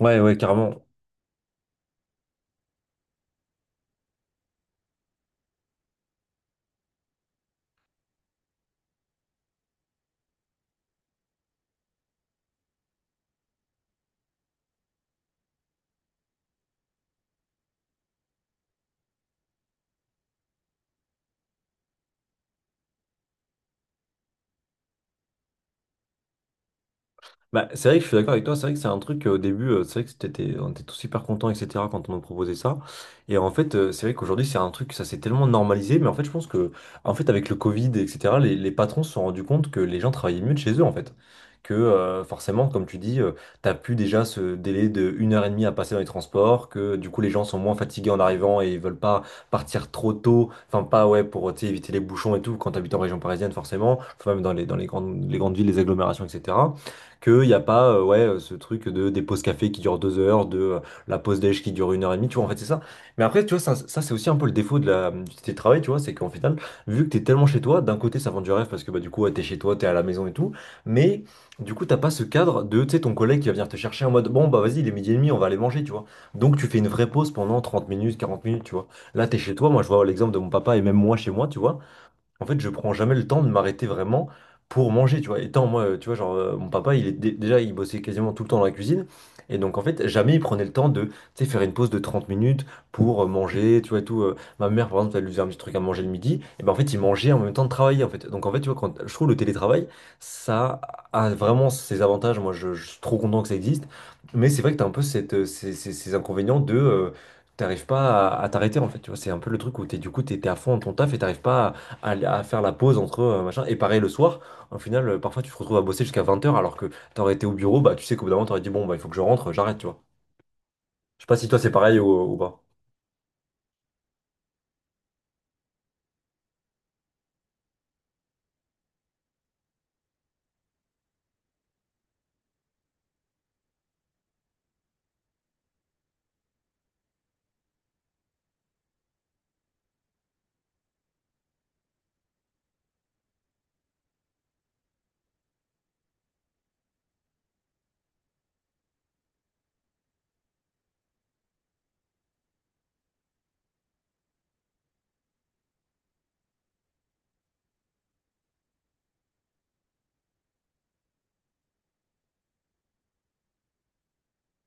Ouais, ouais, carrément. Bah, c'est vrai que je suis d'accord avec toi, c'est vrai que c'est un truc au début, c'est vrai que c'était, on était tous super contents, etc. quand on nous proposait ça. Et en fait, c'est vrai qu'aujourd'hui, c'est un truc, ça s'est tellement normalisé, mais en fait, je pense que, en fait, avec le Covid, etc., les patrons se sont rendus compte que les gens travaillaient mieux de chez eux, en fait. Que forcément, comme tu dis, t'as plus déjà ce délai de 1h30 à passer dans les transports, que du coup, les gens sont moins fatigués en arrivant et ils veulent pas partir trop tôt, enfin, pas, ouais, pour, tu sais, éviter les bouchons et tout, quand t'habites en région parisienne, forcément, enfin, même dans les grandes, les grandes villes, les agglomérations, etc, qu'il n'y a pas ouais, ce truc de, des pauses café qui durent 2 heures, de la pause déj qui dure 1h30, tu vois, en fait, c'est ça. Mais après, tu vois, ça, c'est aussi un peu le défaut de la, du télétravail, tu vois, c'est qu'en final, vu que t'es tellement chez toi, d'un côté, ça vend du rêve parce que bah, du coup, ouais, t'es chez toi, t'es à la maison et tout, mais du coup, t'as pas ce cadre de, tu sais, ton collègue qui va venir te chercher en mode, bon, bah vas-y, il est midi et demi, on va aller manger, tu vois. Donc, tu fais une vraie pause pendant 30 minutes, 40 minutes, tu vois. Là, t'es chez toi, moi, je vois l'exemple de mon papa et même moi chez moi, tu vois. En fait, je prends jamais le temps de m'arrêter vraiment pour manger, tu vois. Étant moi, tu vois, genre, mon papa, il est déjà, il bossait quasiment tout le temps dans la cuisine. Et donc, en fait, jamais il prenait le temps de, tu sais, faire une pause de 30 minutes pour manger, tu vois, et tout. Ma mère, par exemple, elle lui faisait un petit truc à manger le midi. Et ben, en fait, il mangeait en même temps de travailler, en fait. Donc, en fait, tu vois, quand, je trouve le télétravail, ça a vraiment ses avantages. Moi, je suis trop content que ça existe. Mais c'est vrai que t'as un peu cette, ces inconvénients de... T'arrives pas à t'arrêter en fait, tu vois, c'est un peu le truc où t'es du coup t'es t'es à fond dans ton taf et t'arrives pas à faire la pause entre machin. Et pareil le soir, au final, parfois tu te retrouves à bosser jusqu'à 20 heures alors que t'aurais été au bureau, bah tu sais qu'au bout d'un moment t'aurais dit bon bah il faut que je rentre, j'arrête, tu vois. Je sais pas si toi c'est pareil ou pas.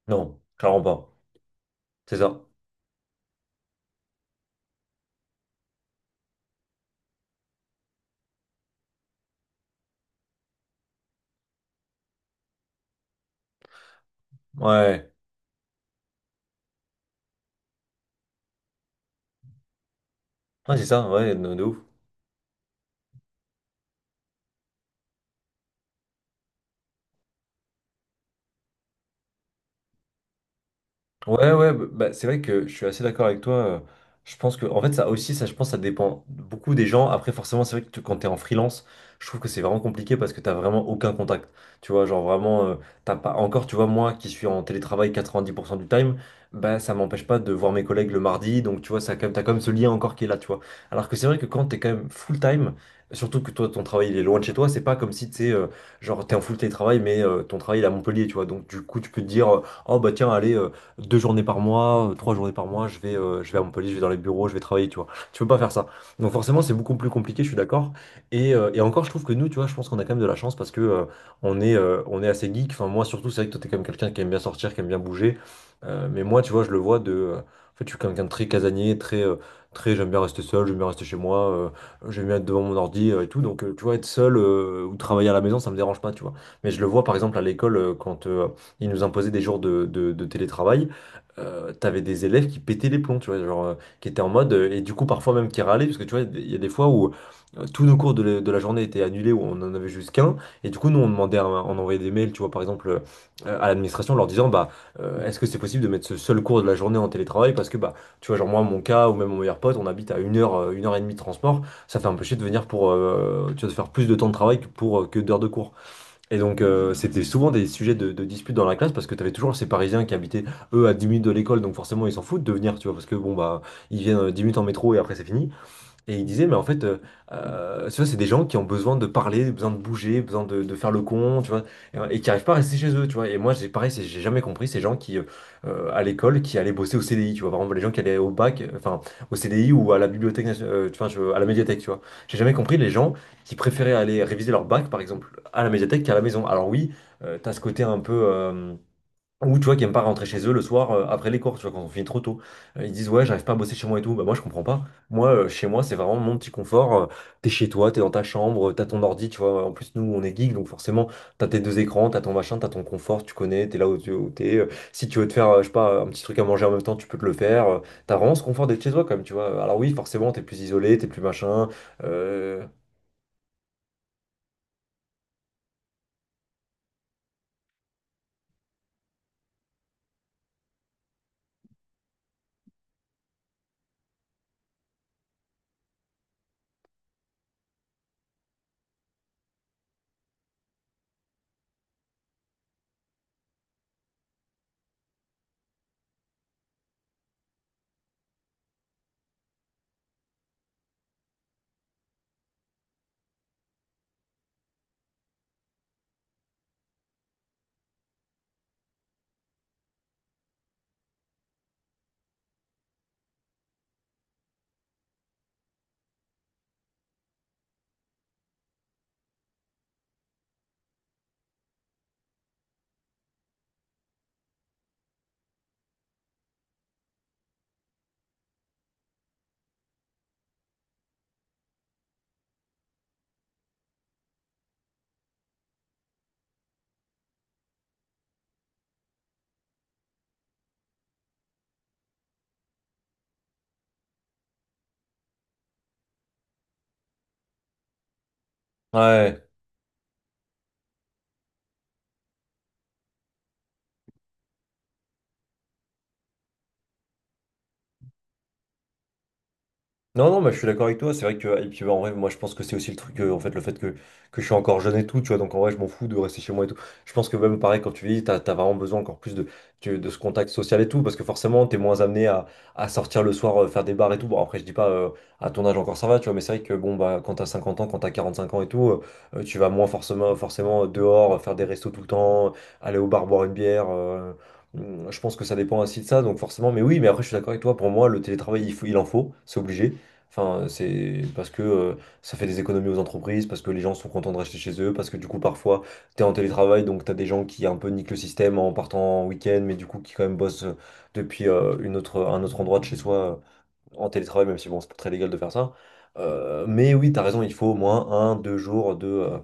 Non, clairement pas. C'est ça. Ouais. Ouais, c'est ça, ouais, de ouf. Ouais, ouais, bah, bah, c'est vrai que je suis assez d'accord avec toi. Je pense que, en fait, ça aussi, ça, je pense, ça dépend beaucoup des gens. Après, forcément, c'est vrai que quand t'es en freelance, je trouve que c'est vraiment compliqué parce que t'as vraiment aucun contact. Tu vois, genre vraiment, t'as pas encore, tu vois, moi qui suis en télétravail 90% du time, bah, ça m'empêche pas de voir mes collègues le mardi. Donc, tu vois, ça, quand même, t'as quand même ce lien encore qui est là, tu vois. Alors que c'est vrai que quand t'es quand même full time, surtout que toi, ton travail, il est loin de chez toi, c'est pas comme si, tu sais, genre, t'es en full télétravail, mais ton travail, il est à Montpellier, tu vois. Donc, du coup, tu peux te dire, oh, bah, tiens, allez deux journées par mois, trois journées par mois, je vais à Montpellier, je vais dans les bureaux, je vais travailler, tu vois. Tu peux pas faire ça. Donc forcément, c'est beaucoup plus compliqué, je suis d'accord. Et encore, je trouve que nous, tu vois, je pense qu'on a quand même de la chance parce que on est assez geek. Enfin, moi surtout, c'est vrai que toi, t'es quand même quelqu'un qui aime bien sortir, qui aime bien bouger. Mais moi, tu vois, je le vois de. En fait, je suis quelqu'un de très casanier, très, J'aime bien rester seul, j'aime bien rester chez moi, j'aime bien être devant mon ordi et tout. Donc, tu vois, être seul ou travailler à la maison, ça me dérange pas, tu vois. Mais je le vois, par exemple, à l'école, quand ils nous imposaient des jours de, de télétravail, t'avais des élèves qui pétaient les plombs, tu vois, genre, qui étaient en mode, et du coup parfois même qui râlaient, parce que tu vois, il y a des fois où tous nos cours de la journée étaient annulés, où on en avait juste qu'un, et du coup nous on demandait, on envoyait des mails, tu vois, par exemple, à l'administration, en leur disant, bah, est-ce que c'est possible de mettre ce seul cours de la journée en télétravail, parce que, bah, tu vois, genre moi, mon cas, ou même mon meilleur pote, on habite à 1 heure, 1h30 de transport, ça fait un peu chier de venir pour, tu vois, de faire plus de temps de travail que pour, que d'heures de cours. Et donc, c'était souvent des sujets de dispute dans la classe parce que tu avais toujours ces Parisiens qui habitaient, eux, à 10 minutes de l'école, donc forcément, ils s'en foutent de venir, tu vois, parce que bon, bah, ils viennent 10 minutes en métro et après, c'est fini. Et il disait, mais tu vois, c'est des gens qui ont besoin de parler, besoin de bouger, besoin de faire le con, tu vois, et qui n'arrivent pas à rester chez eux, tu vois. Et moi, j'ai pareil, j'ai jamais compris ces gens qui, à l'école, qui allaient bosser au CDI, tu vois. Par exemple, les gens qui allaient au bac, enfin, au CDI ou à la bibliothèque, tu vois, à la médiathèque, tu vois. J'ai jamais compris les gens qui préféraient aller réviser leur bac, par exemple, à la médiathèque qu'à la maison. Alors oui, tu as ce côté un peu, ou tu vois, qui aiment pas rentrer chez eux le soir après les cours, tu vois, quand on finit trop tôt. Ils disent, ouais, j'arrive pas à bosser chez moi et tout. Bah, moi, je comprends pas. Moi, chez moi, c'est vraiment mon petit confort. T'es chez toi, t'es dans ta chambre, t'as ton ordi, tu vois. En plus, nous, on est geeks, donc forcément, t'as tes deux écrans, t'as ton machin, t'as ton confort, tu connais, t'es là où t'es. Si tu veux te faire, je sais pas, un petit truc à manger en même temps, tu peux te le faire. T'as vraiment ce confort d'être chez toi, quand même, tu vois. Alors oui, forcément, t'es plus isolé, t'es plus machin. Euh, Ouais. Non, non, mais je suis d'accord avec toi. C'est vrai que, et puis bah, en vrai, moi je pense que c'est aussi le truc, en fait, le fait que je suis encore jeune et tout, tu vois. Donc en vrai, je m'en fous de rester chez moi et tout. Je pense que même pareil, quand tu vis, t'as vraiment besoin encore plus de, de ce contact social et tout, parce que forcément, t'es moins amené à sortir le soir, faire des bars et tout. Bon, après, je dis pas, à ton âge encore ça va, tu vois, mais c'est vrai que bon, bah, quand t'as 50 ans, quand t'as 45 ans et tout, tu vas moins forcément dehors, faire des restos tout le temps, aller au bar, boire une bière. Je pense que ça dépend aussi de ça, donc forcément, mais oui, mais après, je suis d'accord avec toi. Pour moi, le télétravail, il en faut, c'est obligé. Enfin, c'est parce que ça fait des économies aux entreprises, parce que les gens sont contents de rester chez eux, parce que du coup, parfois, t'es en télétravail, donc t'as des gens qui un peu niquent le système en partant en week-end, mais du coup, qui quand même bossent depuis une autre, un autre endroit de chez soi en télétravail, même si bon, c'est pas très légal de faire ça. Mais oui, t'as raison, il faut au moins un, deux jours de,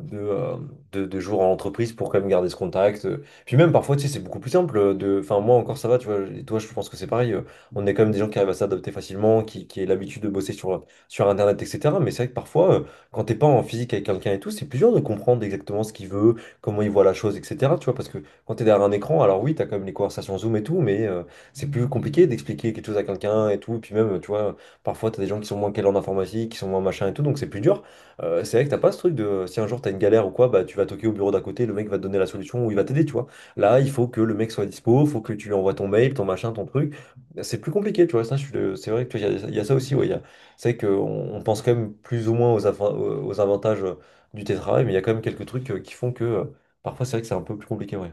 de, euh, de jours en entreprise pour quand même garder ce contact. Puis même parfois, tu sais, c'est beaucoup plus simple de. Enfin, moi encore ça va, tu vois, et toi, je pense que c'est pareil. On est quand même des gens qui arrivent à s'adapter facilement, qui aient l'habitude de bosser sur, sur Internet, etc. Mais c'est vrai que parfois, quand t'es pas en physique avec quelqu'un et tout, c'est plus dur de comprendre exactement ce qu'il veut, comment il voit la chose, etc. Tu vois, parce que quand t'es derrière un écran, alors oui, t'as quand même les conversations Zoom et tout, mais c'est plus compliqué d'expliquer quelque chose à quelqu'un et tout. Et puis même, tu vois, parfois, t'as des gens qui sont moins calés en informatique, qui sont moins machin et tout, donc c'est plus dur. C'est vrai que t'as pas ce truc de si un jour t'as une galère ou quoi, bah tu vas toquer au bureau d'à côté, le mec va te donner la solution ou il va t'aider, tu vois. Là, il faut que le mec soit dispo, faut que tu lui envoies ton mail, ton machin, ton truc. C'est plus compliqué, tu vois. Ça, c'est vrai que tu vois, il y a ça aussi, ouais. C'est vrai qu'on pense quand même plus ou moins aux, aux avantages du télétravail, mais il y a quand même quelques trucs qui font que parfois, c'est vrai que c'est un peu plus compliqué, ouais.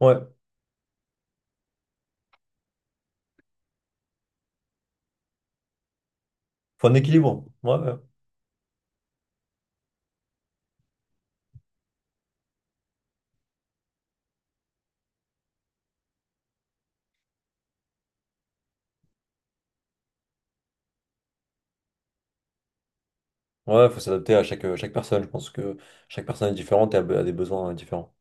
Ouais, faut un équilibre. Ouais, ouais. Ouais, faut s'adapter à chaque, chaque personne. Je pense que chaque personne est différente et a a des besoins différents.